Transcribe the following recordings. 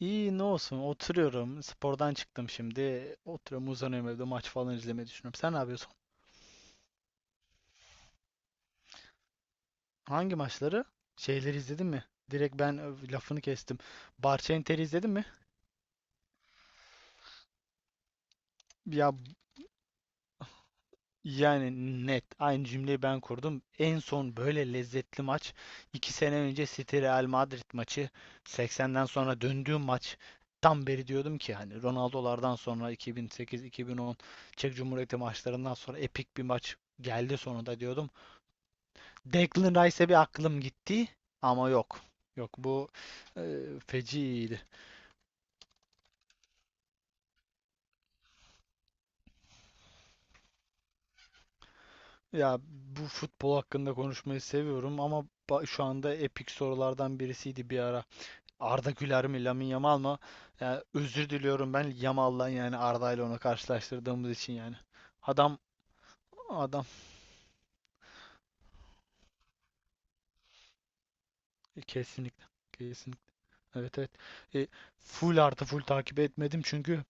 İyi ne olsun oturuyorum. Spordan çıktım şimdi. Oturuyorum uzanıyorum evde maç falan izlemeyi düşünüyorum. Sen ne yapıyorsun? Hangi maçları? Şeyleri izledin mi? Direkt ben lafını kestim. Barça Inter'i izledin mi? Ya yani net aynı cümleyi ben kurdum. En son böyle lezzetli maç 2 sene önce City Real Madrid maçı 80'den sonra döndüğüm maç. Tam beri diyordum ki hani Ronaldo'lardan sonra 2008-2010 Çek Cumhuriyeti maçlarından sonra epik bir maç geldi sonunda diyordum. Declan Rice'e bir aklım gitti ama yok. Yok bu e, feci iyiydi. Ya bu futbol hakkında konuşmayı seviyorum ama şu anda epik sorulardan birisiydi bir ara. Arda Güler mi, Lamine Yamal mı? Ya, özür diliyorum ben Yamal'dan yani Arda ile onu karşılaştırdığımız için yani. Adam adam, kesinlikle kesinlikle. Evet evet. E, Full artı full takip etmedim çünkü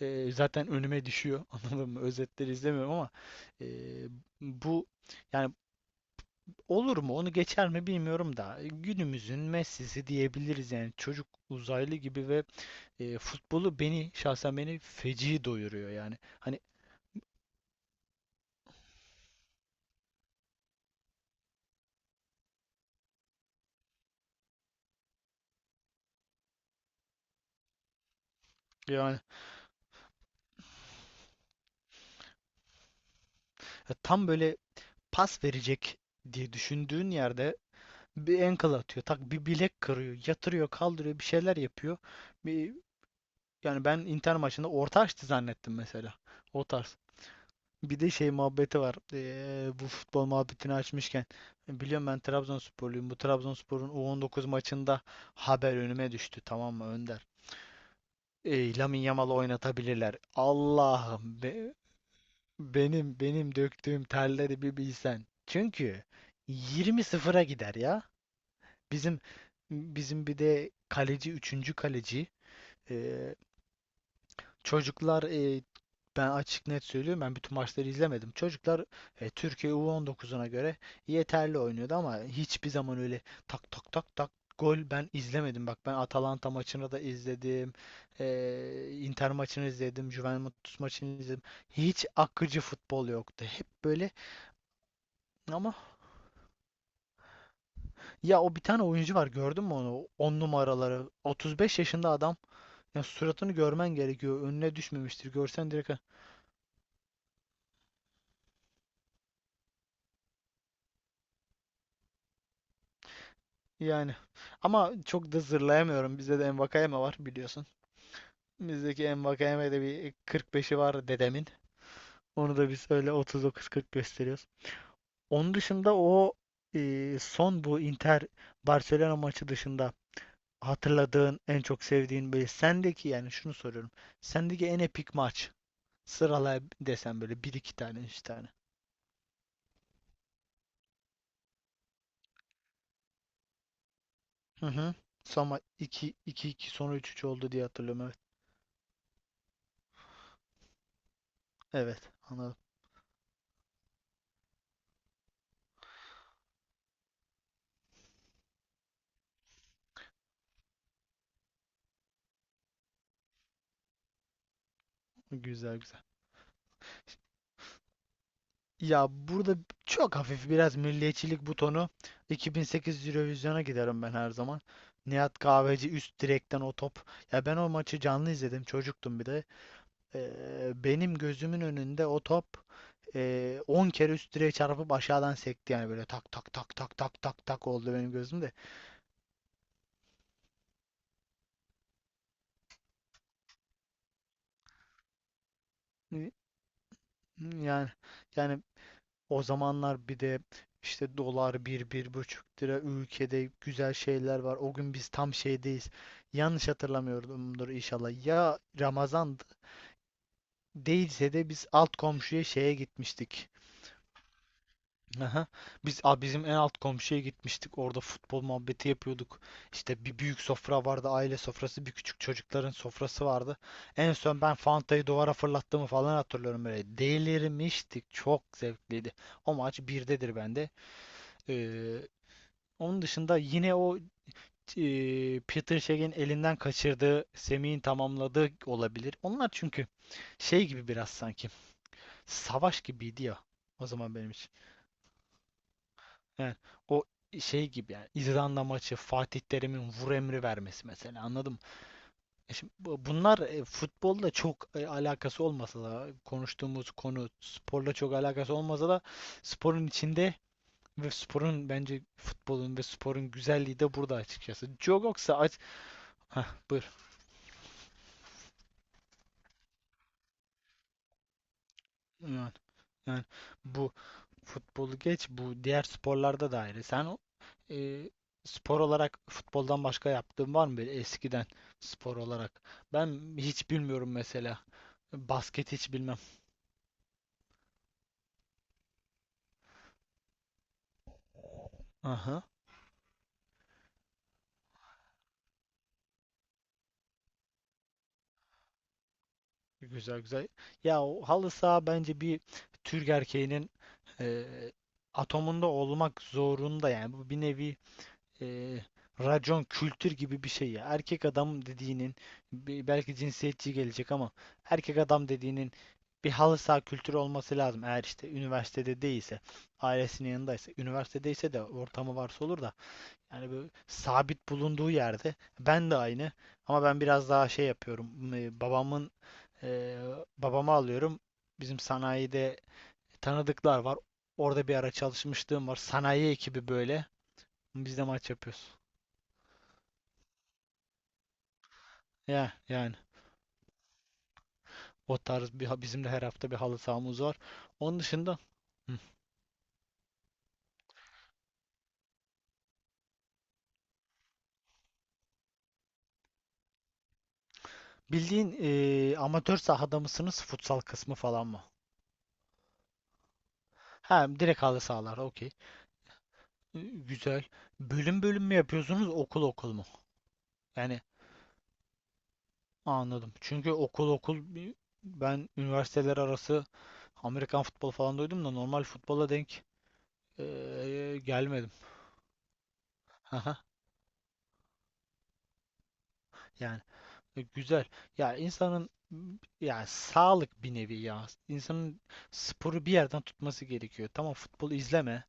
zaten önüme düşüyor. Anladın mı? Özetleri izlemiyorum ama e, bu yani olur mu? Onu geçer mi bilmiyorum da günümüzün Messi'si diyebiliriz yani çocuk uzaylı gibi ve futbolu beni şahsen beni feci doyuruyor yani. Hani yani tam böyle pas verecek diye düşündüğün yerde bir ankle atıyor, tak bir bilek kırıyor, yatırıyor, kaldırıyor, bir şeyler yapıyor. Bir Yani ben Inter maçında orta açtı zannettim mesela. O tarz. Bir de şey muhabbeti var. Bu futbol muhabbetini açmışken. Biliyorum ben Trabzonsporluyum. Bu Trabzonspor'un U19 maçında haber önüme düştü, tamam mı Önder? Lamine Yamal'ı oynatabilirler. Allah'ım benim döktüğüm terleri bir bilsen. Çünkü 20-0'a gider ya. Bizim bizim bir de kaleci, üçüncü kaleci ee, Çocuklar, ben açık net söylüyorum, ben bütün maçları izlemedim. Çocuklar, Türkiye U19'una göre yeterli oynuyordu ama hiçbir zaman öyle tak tak tak tak gol ben izlemedim. Bak ben Atalanta maçını da izledim. Inter maçını izledim. Juventus maçını izledim. Hiç akıcı futbol yoktu. Hep böyle ama ya o bir tane oyuncu var, gördün mü onu? 10 numaraları, 35 yaşında adam. Ya suratını görmen gerekiyor. Önüne düşmemiştir. Görsen direkt yani. Ama çok da zırlayamıyorum. Bizde de Envakayeme var biliyorsun. Bizdeki Envakayeme'de bir 45'i var dedemin. Onu da biz öyle 39-40 gösteriyoruz. Onun dışında son bu Inter Barcelona maçı dışında hatırladığın en çok sevdiğin, böyle sendeki, yani şunu soruyorum. Sendeki en epik maç sıralay desem böyle, bir iki tane, 3 tane. Hı hı. Sonra iki iki iki, sonra üç üç oldu diye hatırlıyorum, evet. Evet, anladım. Güzel güzel. Ya burada çok hafif biraz milliyetçilik butonu, 2008 Eurovision'a giderim ben her zaman. Nihat Kahveci, üst direkten o top. Ya ben o maçı canlı izledim. Çocuktum bir de. Benim gözümün önünde o top 10 kere üst direğe çarpıp aşağıdan sekti yani, böyle tak tak tak tak tak tak tak oldu benim gözümde. Ee, Yani yani, o zamanlar bir de işte dolar bir bir buçuk lira, ülkede güzel şeyler var. O gün biz tam şeydeyiz. Yanlış hatırlamıyorumdur inşallah. Ya Ramazan değilse de biz alt komşuya şeye gitmiştik. Aha. Bizim en alt komşuya gitmiştik. Orada futbol muhabbeti yapıyorduk. İşte bir büyük sofra vardı, aile sofrası, bir küçük çocukların sofrası vardı. En son ben Fanta'yı duvara fırlattığımı falan hatırlıyorum böyle. Delirmiştik. Çok zevkliydi. O maç birdedir bende. Ee, Onun dışında yine Peter Shelley'in elinden kaçırdığı, Semih'in tamamladığı olabilir. Onlar çünkü şey gibi biraz sanki. Savaş gibiydi ya o zaman benim için. Yani o şey gibi, yani İzlanda maçı Fatih Terim'in vur emri vermesi mesela, anladım. Şimdi bunlar futbolla çok alakası olmasa da, konuştuğumuz konu sporla çok alakası olmasa da sporun içinde ve sporun, bence futbolun ve sporun güzelliği de burada açıkçası. Joe Cox'a aç... Hah, buyur. Evet. Yani bu futbolu geç, bu diğer sporlarda da ayrı. Sen e, spor olarak futboldan başka yaptığın var mı böyle eskiden, spor olarak? Ben hiç bilmiyorum mesela. Basket hiç bilmem. Aha. Güzel güzel. Ya o halı saha bence bir Türk erkeğinin e, atomunda olmak zorunda yani. Bu bir nevi e, racon kültür gibi bir şey ya. Erkek adam dediğinin, belki cinsiyetçi gelecek ama, erkek adam dediğinin bir halı saha kültürü olması lazım. Eğer işte üniversitede değilse, ailesinin yanındaysa, üniversitedeyse de ortamı varsa olur da yani böyle sabit bulunduğu yerde ben de aynı, ama ben biraz daha şey yapıyorum. E, babamı alıyorum. Bizim sanayide tanıdıklar var. Orada bir ara çalışmışlığım var. Sanayi ekibi böyle. Biz de maç yapıyoruz. Ya yani o tarz bir bizim de her hafta bir halı sahamız var. Onun dışında hı, bildiğin amatör sahada mısınız, futsal kısmı falan mı? Ha, direkt halı sahalar, okey. Güzel. Bölüm bölüm mü yapıyorsunuz, okul okul mu? Yani anladım. Çünkü okul okul ben üniversiteler arası Amerikan futbolu falan duydum da normal futbola denk gelmedim. Haha. Yani, güzel. Ya insanın yani sağlık bir nevi ya. İnsanın sporu bir yerden tutması gerekiyor. Tamam, futbol izleme.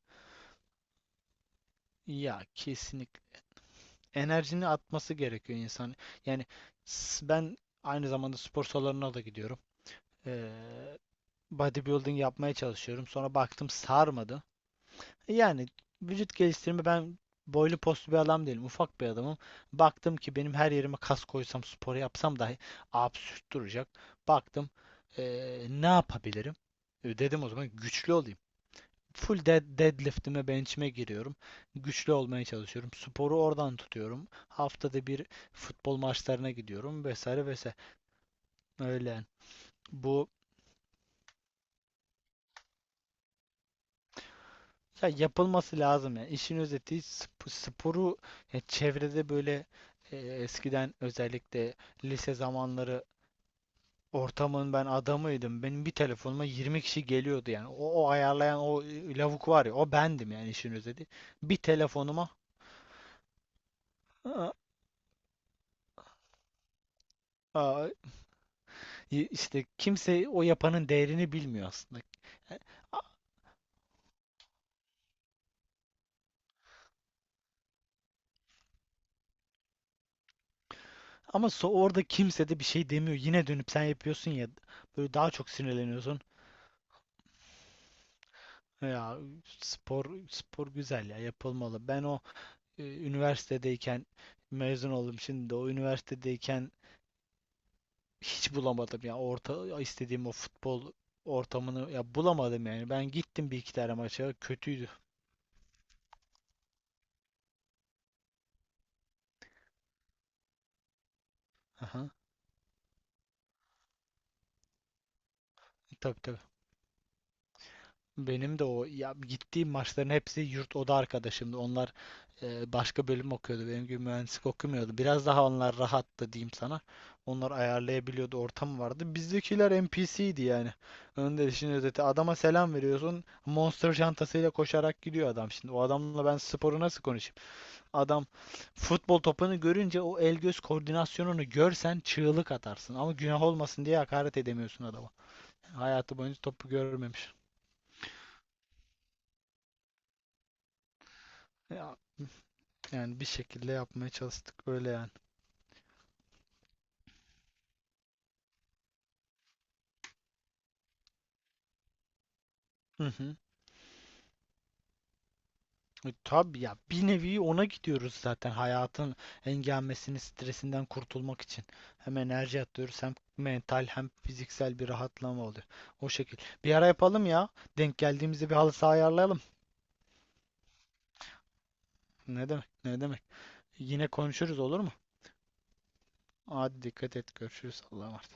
Ya kesinlikle. Enerjini atması gerekiyor insan. Yani ben aynı zamanda spor salonuna da gidiyorum. Ee, bodybuilding yapmaya çalışıyorum. Sonra baktım sarmadı. Yani vücut geliştirme, ben boylu postlu bir adam değilim. Ufak bir adamım. Baktım ki benim her yerime kas koysam, spor yapsam dahi absürt duracak. Baktım ne yapabilirim? Dedim o zaman güçlü olayım. Full deadlift'ime, bench'ime giriyorum. Güçlü olmaya çalışıyorum. Sporu oradan tutuyorum. Haftada bir futbol maçlarına gidiyorum vesaire vesaire. Öyle. Yani. Bu Ya yapılması lazım yani. İşin özeti sporu, ya çevrede böyle eskiden özellikle lise zamanları ortamın ben adamıydım. Benim bir telefonuma 20 kişi geliyordu yani. O ayarlayan o lavuk var ya, o bendim yani, işin özeti. Bir telefonuma aa, aa, işte kimse o yapanın değerini bilmiyor aslında. E, a- Ama orada kimse de bir şey demiyor. Yine dönüp sen yapıyorsun ya, böyle daha çok sinirleniyorsun. Ya spor spor güzel ya, yapılmalı. Ben üniversitedeyken, mezun oldum şimdi de, o üniversitedeyken hiç bulamadım ya, orta istediğim o futbol ortamını ya bulamadım yani. Ben gittim bir iki tane maça, kötüydü. Aha. Tabii tabii. Benim de o ya gittiğim maçların hepsi yurt oda arkadaşımdı. Onlar başka bölüm okuyordu. Benim gibi mühendislik okumuyordu. Biraz daha onlar rahattı diyeyim sana. Onlar ayarlayabiliyordu, ortam vardı. Bizdekiler NPC'ydi yani. Önde işin özeti. Adama selam veriyorsun. Monster çantasıyla koşarak gidiyor adam şimdi. O adamla ben sporu nasıl konuşayım? Adam futbol topunu görünce o el göz koordinasyonunu görsen çığlık atarsın. Ama günah olmasın diye hakaret edemiyorsun adama. Hayatı boyunca topu görmemiş. Ya yani bir şekilde yapmaya çalıştık öyle yani. Hı hı. Tabii ya, bir nevi ona gidiyoruz zaten, hayatın engelmesini stresinden kurtulmak için. Hem enerji atıyoruz, hem mental hem fiziksel bir rahatlama oluyor. O şekil. Bir ara yapalım ya. Denk geldiğimizde bir halı saha ayarlayalım. Ne demek ne demek. Yine konuşuruz, olur mu? Hadi dikkat et, görüşürüz, Allah'a emanet.